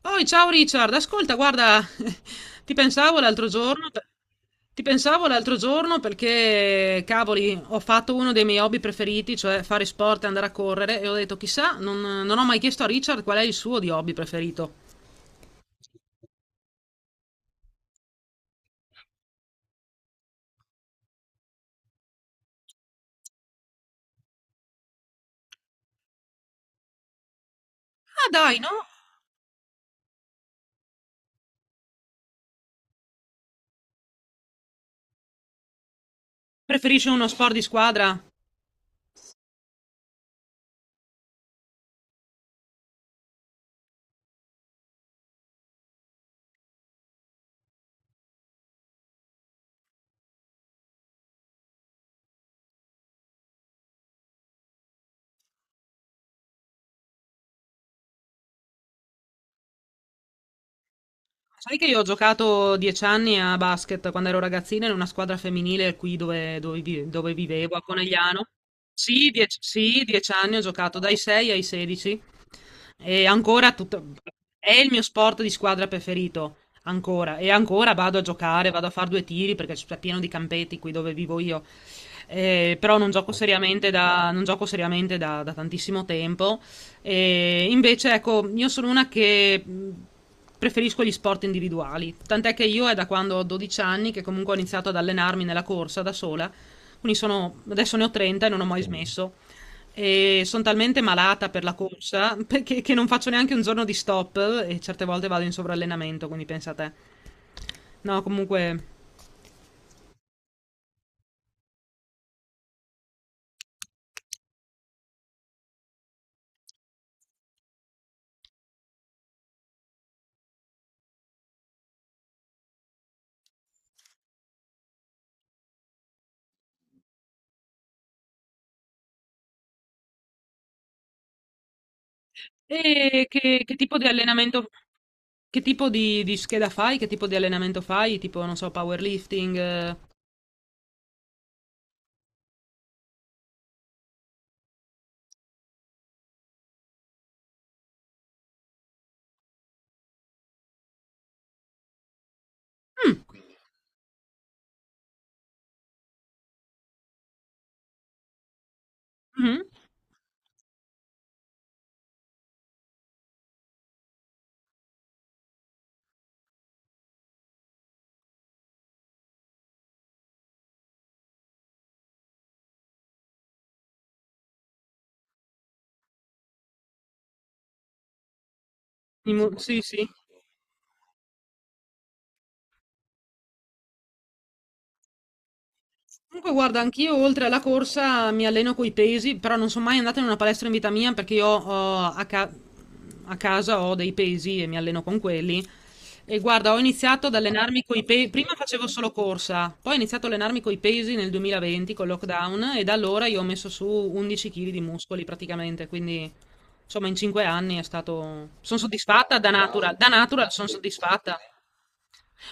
Poi, ciao Richard, ascolta, guarda, ti pensavo l'altro giorno, ti pensavo l'altro giorno perché, cavoli, ho fatto uno dei miei hobby preferiti, cioè fare sport e andare a correre, e ho detto, chissà, non ho mai chiesto a Richard qual è il suo di hobby preferito. Ah, dai, no? Preferisce uno sport di squadra? Sai che io ho giocato 10 anni a basket quando ero ragazzina in una squadra femminile qui dove vivevo, a Conegliano. Sì, dieci, sì, 10 anni ho giocato dai 6 ai 16 e ancora tutto- è il mio sport di squadra preferito, ancora. E ancora vado a giocare, vado a fare due tiri perché c'è pieno di campetti qui dove vivo io. Però non gioco seriamente da tantissimo tempo. E invece, ecco, io sono una che preferisco gli sport individuali. Tant'è che io è da quando ho 12 anni che comunque ho iniziato ad allenarmi nella corsa da sola. Quindi sono, adesso ne ho 30 e non ho mai Mm. smesso. E sono talmente malata per la corsa che non faccio neanche un giorno di stop e certe volte vado in sovrallenamento, quindi pensa a te. No, comunque. E che tipo di allenamento, che tipo di scheda fai? Che tipo di allenamento fai? Tipo, non so, powerlifting? Mm. Mh-mh. I mu Sì, sì. Comunque guarda, anch'io oltre alla corsa mi alleno coi pesi, però non son mai andata in una palestra in vita mia perché io ho a ca a casa ho dei pesi e mi alleno con quelli. E guarda, ho iniziato ad allenarmi coi pe prima facevo solo corsa, poi ho iniziato a allenarmi coi pesi nel 2020 col lockdown e da allora io ho messo su 11 chili di muscoli praticamente, quindi insomma in 5 anni è stato son soddisfatta da natural son soddisfatta.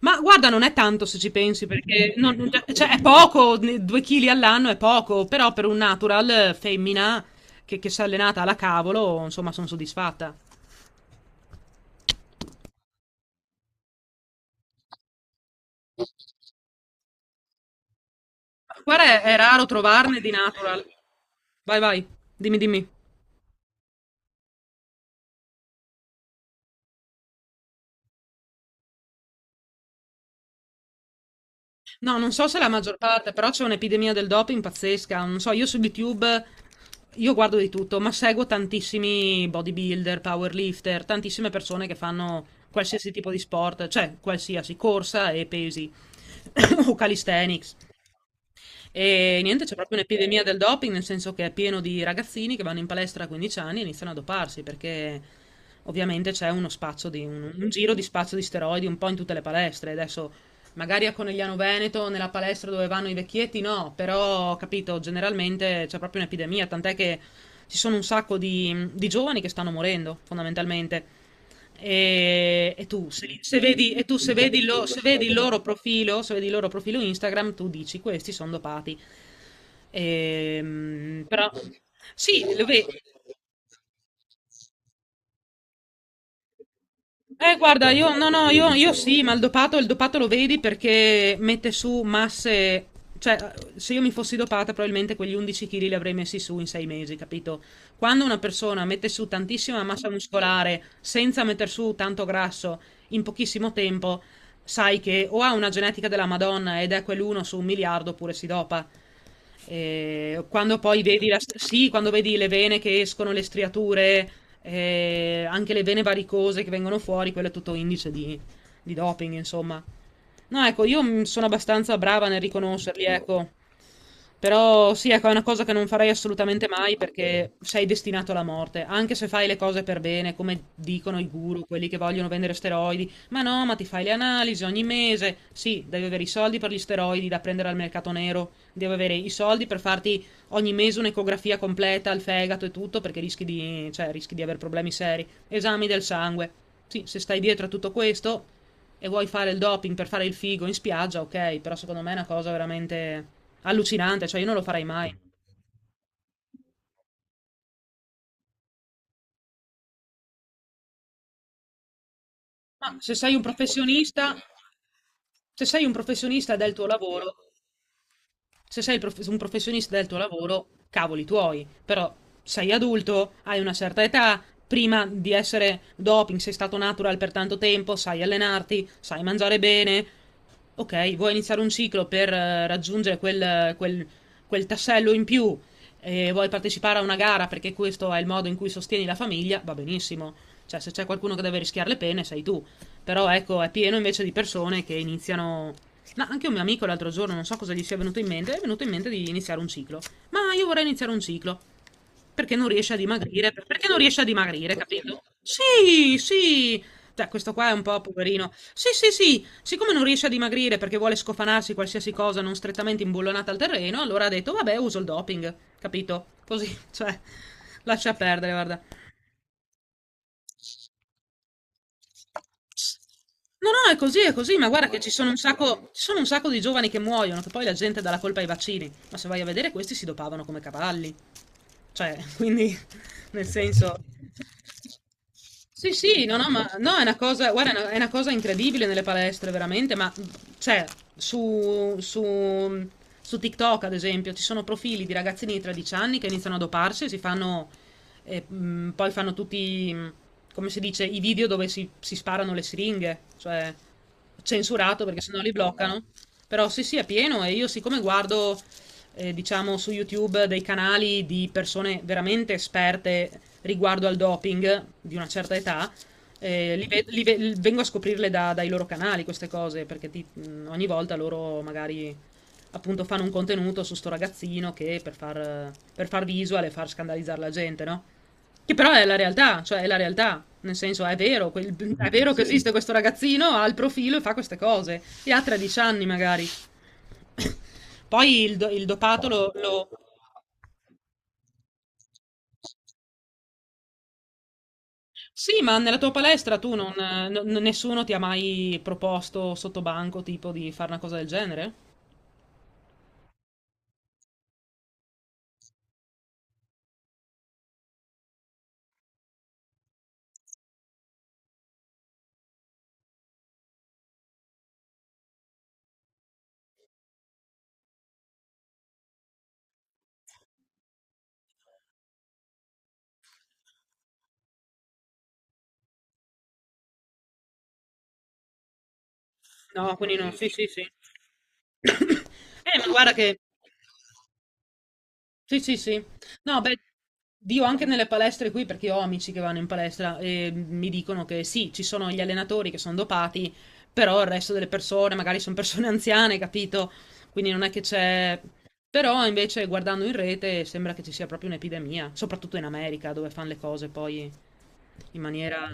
Ma guarda, non è tanto se ci pensi, perché cioè, è poco, due chili all'anno è poco, però per un natural femmina che si è allenata alla cavolo, insomma, sono soddisfatta. Guarda, è raro trovarne di natural. Vai, vai, dimmi, dimmi. No, non so se la maggior parte, però c'è un'epidemia del doping pazzesca. Non so, io su YouTube io guardo di tutto, ma seguo tantissimi bodybuilder, powerlifter, tantissime persone che fanno qualsiasi tipo di sport, cioè qualsiasi corsa e pesi o calisthenics. E niente, c'è proprio un'epidemia del doping, nel senso che è pieno di ragazzini che vanno in palestra a 15 anni e iniziano a doparsi, perché ovviamente c'è uno un giro di spazio di steroidi un po' in tutte le palestre. Adesso magari a Conegliano Veneto, nella palestra dove vanno i vecchietti, no, però capito, generalmente c'è proprio un'epidemia, tant'è che ci sono un sacco di giovani che stanno morendo, fondamentalmente. E tu se vedi se vedi il loro profilo Instagram, tu dici questi sono dopati. Però sì, lo vedi. Guarda, io no, no, io sì, ma il dopato lo vedi perché mette su masse. Cioè, se io mi fossi dopata, probabilmente quegli 11 chili li avrei messi su in 6 mesi, capito? Quando una persona mette su tantissima massa muscolare senza metter su tanto grasso in pochissimo tempo, sai che o ha una genetica della Madonna ed è quell'uno su un miliardo oppure si dopa. E quando poi sì, quando vedi le vene che escono, le striature, anche le vene varicose che vengono fuori, quello è tutto indice di doping, insomma. No, ecco, io sono abbastanza brava nel riconoscerli, ecco. Però sì, ecco, è una cosa che non farei assolutamente mai perché sei destinato alla morte, anche se fai le cose per bene, come dicono i guru, quelli che vogliono vendere steroidi. Ma no, ma ti fai le analisi ogni mese. Sì, devi avere i soldi per gli steroidi da prendere al mercato nero, devi avere i soldi per farti ogni mese un'ecografia completa al fegato e tutto perché rischi di, cioè, rischi di avere problemi seri. Esami del sangue. Sì, se stai dietro a tutto questo e vuoi fare il doping per fare il figo in spiaggia, ok, però secondo me è una cosa veramente... Allucinante, cioè io non lo farei mai. Ma se sei un professionista Se sei un professionista del tuo lavoro Se sei prof- Un professionista del tuo lavoro, cavoli tuoi, però sei adulto, hai una certa età, prima di essere doping sei stato natural per tanto tempo, sai allenarti, sai mangiare bene. Ok, vuoi iniziare un ciclo per raggiungere quel tassello in più e vuoi partecipare a una gara perché questo è il modo in cui sostieni la famiglia, va benissimo. Cioè, se c'è qualcuno che deve rischiare le pene, sei tu. Però ecco, è pieno invece di persone che iniziano No, anche un mio amico l'altro giorno, non so cosa gli sia venuto in mente, è venuto in mente di iniziare un ciclo. Ma io vorrei iniziare un ciclo. Perché non riesce a dimagrire, capito? Sì, sì. Cioè, questo qua è un po' poverino. Sì, sì, sì. Siccome non riesce a dimagrire perché vuole scofanarsi qualsiasi cosa non strettamente imbullonata al terreno, allora ha detto, vabbè, uso il doping, capito? Così, cioè, lascia perdere, guarda. No, no, è così, ma guarda che ci sono un sacco di giovani che muoiono, che poi la gente dà la colpa ai vaccini, ma se vai a vedere questi si dopavano come cavalli, cioè, quindi, nel senso, sì, sì, no, no, ma no, è una cosa, guarda, è una cosa incredibile nelle palestre, veramente, ma cioè, su, su, su TikTok, ad esempio, ci sono profili di ragazzini di 13 anni che iniziano a doparsi e si fanno, poi fanno tutti, come si dice, i video dove si sparano le siringhe, cioè censurato perché sennò li bloccano. Però sì, sì, è pieno e io siccome guardo diciamo su YouTube dei canali di persone veramente esperte riguardo al doping di una certa età. Vengo a scoprirle dai loro canali queste cose perché ogni volta loro magari appunto fanno un contenuto su sto ragazzino che per far visual e far scandalizzare la gente, no? Che però è la realtà, cioè è la realtà, nel senso è vero, è vero che Sì. esiste questo ragazzino, ha il profilo e fa queste cose, e ha 13 anni magari. Poi il, do- il dopato lo, lo- Sì, ma nella tua palestra tu non, n- nessuno ti ha mai proposto sotto banco tipo di fare una cosa del genere? No, quindi no, sì, sì, sì. Ma guarda che... Sì, sì, sì. No, beh, io anche nelle palestre qui, perché io ho amici che vanno in palestra e mi dicono che sì, ci sono gli allenatori che sono dopati, però il resto delle persone, magari sono persone anziane, capito? Quindi non è che c'è... Però invece guardando in rete sembra che ci sia proprio un'epidemia, soprattutto in America dove fanno le cose poi... In maniera...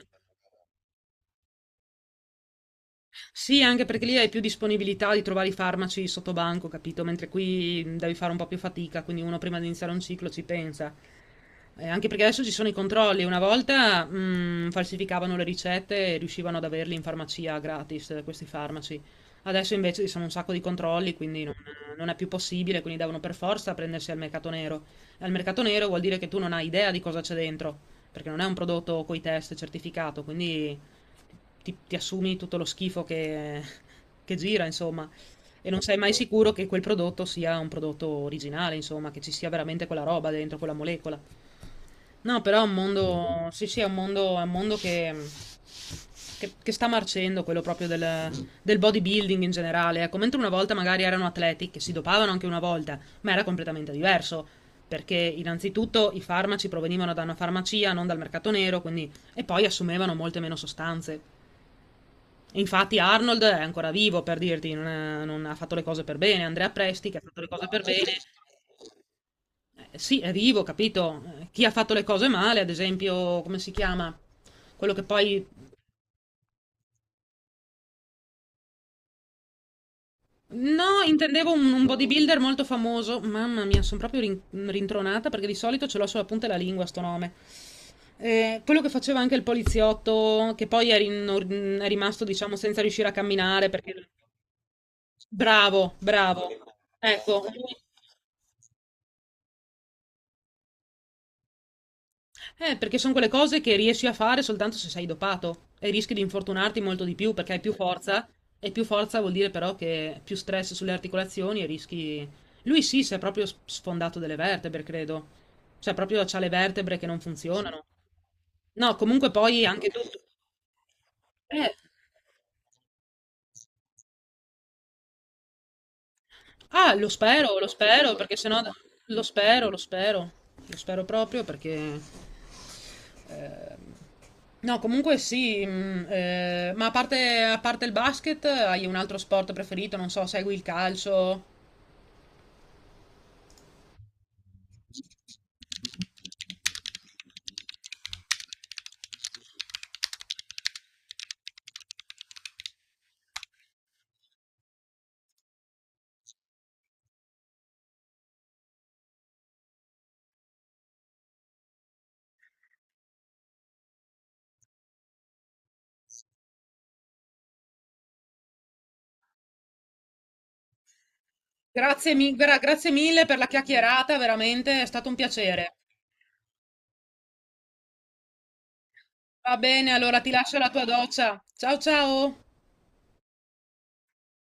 Sì, anche perché lì hai più disponibilità di trovare i farmaci sotto banco, capito? Mentre qui devi fare un po' più fatica, quindi uno prima di iniziare un ciclo ci pensa. Anche perché adesso ci sono i controlli. Una volta falsificavano le ricette e riuscivano ad averli in farmacia gratis, questi farmaci. Adesso invece ci sono un sacco di controlli, quindi non è più possibile, quindi devono per forza prendersi al mercato nero. E al mercato nero vuol dire che tu non hai idea di cosa c'è dentro, perché non è un prodotto coi test certificato, quindi ti assumi tutto lo schifo che gira, insomma, e non sei mai sicuro che quel prodotto sia un prodotto originale, insomma, che ci sia veramente quella roba dentro quella molecola. No, però è un mondo, sì, sì, è un mondo, che sta marcendo, quello proprio del bodybuilding in generale. Ecco, mentre una volta magari erano atleti che si dopavano anche una volta, ma era completamente diverso. Perché innanzitutto i farmaci provenivano da una farmacia, non dal mercato nero, quindi... e poi assumevano molte meno sostanze. Infatti Arnold è ancora vivo, per dirti, non ha fatto le cose per bene. Andrea Presti, che ha fatto le cose per bene, sì, è vivo, capito? Chi ha fatto le cose male, ad esempio, come si chiama? Quello che poi... No, intendevo un bodybuilder molto famoso. Mamma mia, sono proprio rintronata perché di solito ce l'ho sulla punta della lingua sto nome. Quello che faceva anche il poliziotto, che poi è rimasto, diciamo, senza riuscire a camminare perché... Bravo, bravo. Ecco, eh, perché sono quelle cose che riesci a fare soltanto se sei dopato e rischi di infortunarti molto di più perché hai più forza e più forza vuol dire però che più stress sulle articolazioni e rischi... Lui sì, si è proprio sfondato delle vertebre, credo. Cioè proprio c'ha le vertebre che non funzionano. No, comunque poi anche tu... Eh, ah, lo spero, perché sennò lo spero, lo spero, lo spero proprio perché... eh, no, comunque sì, ma a parte il basket, hai un altro sport preferito? Non so, segui il calcio? Grazie, grazie mille per la chiacchierata, veramente è stato un piacere. Va bene, allora ti lascio la tua doccia. Ciao ciao!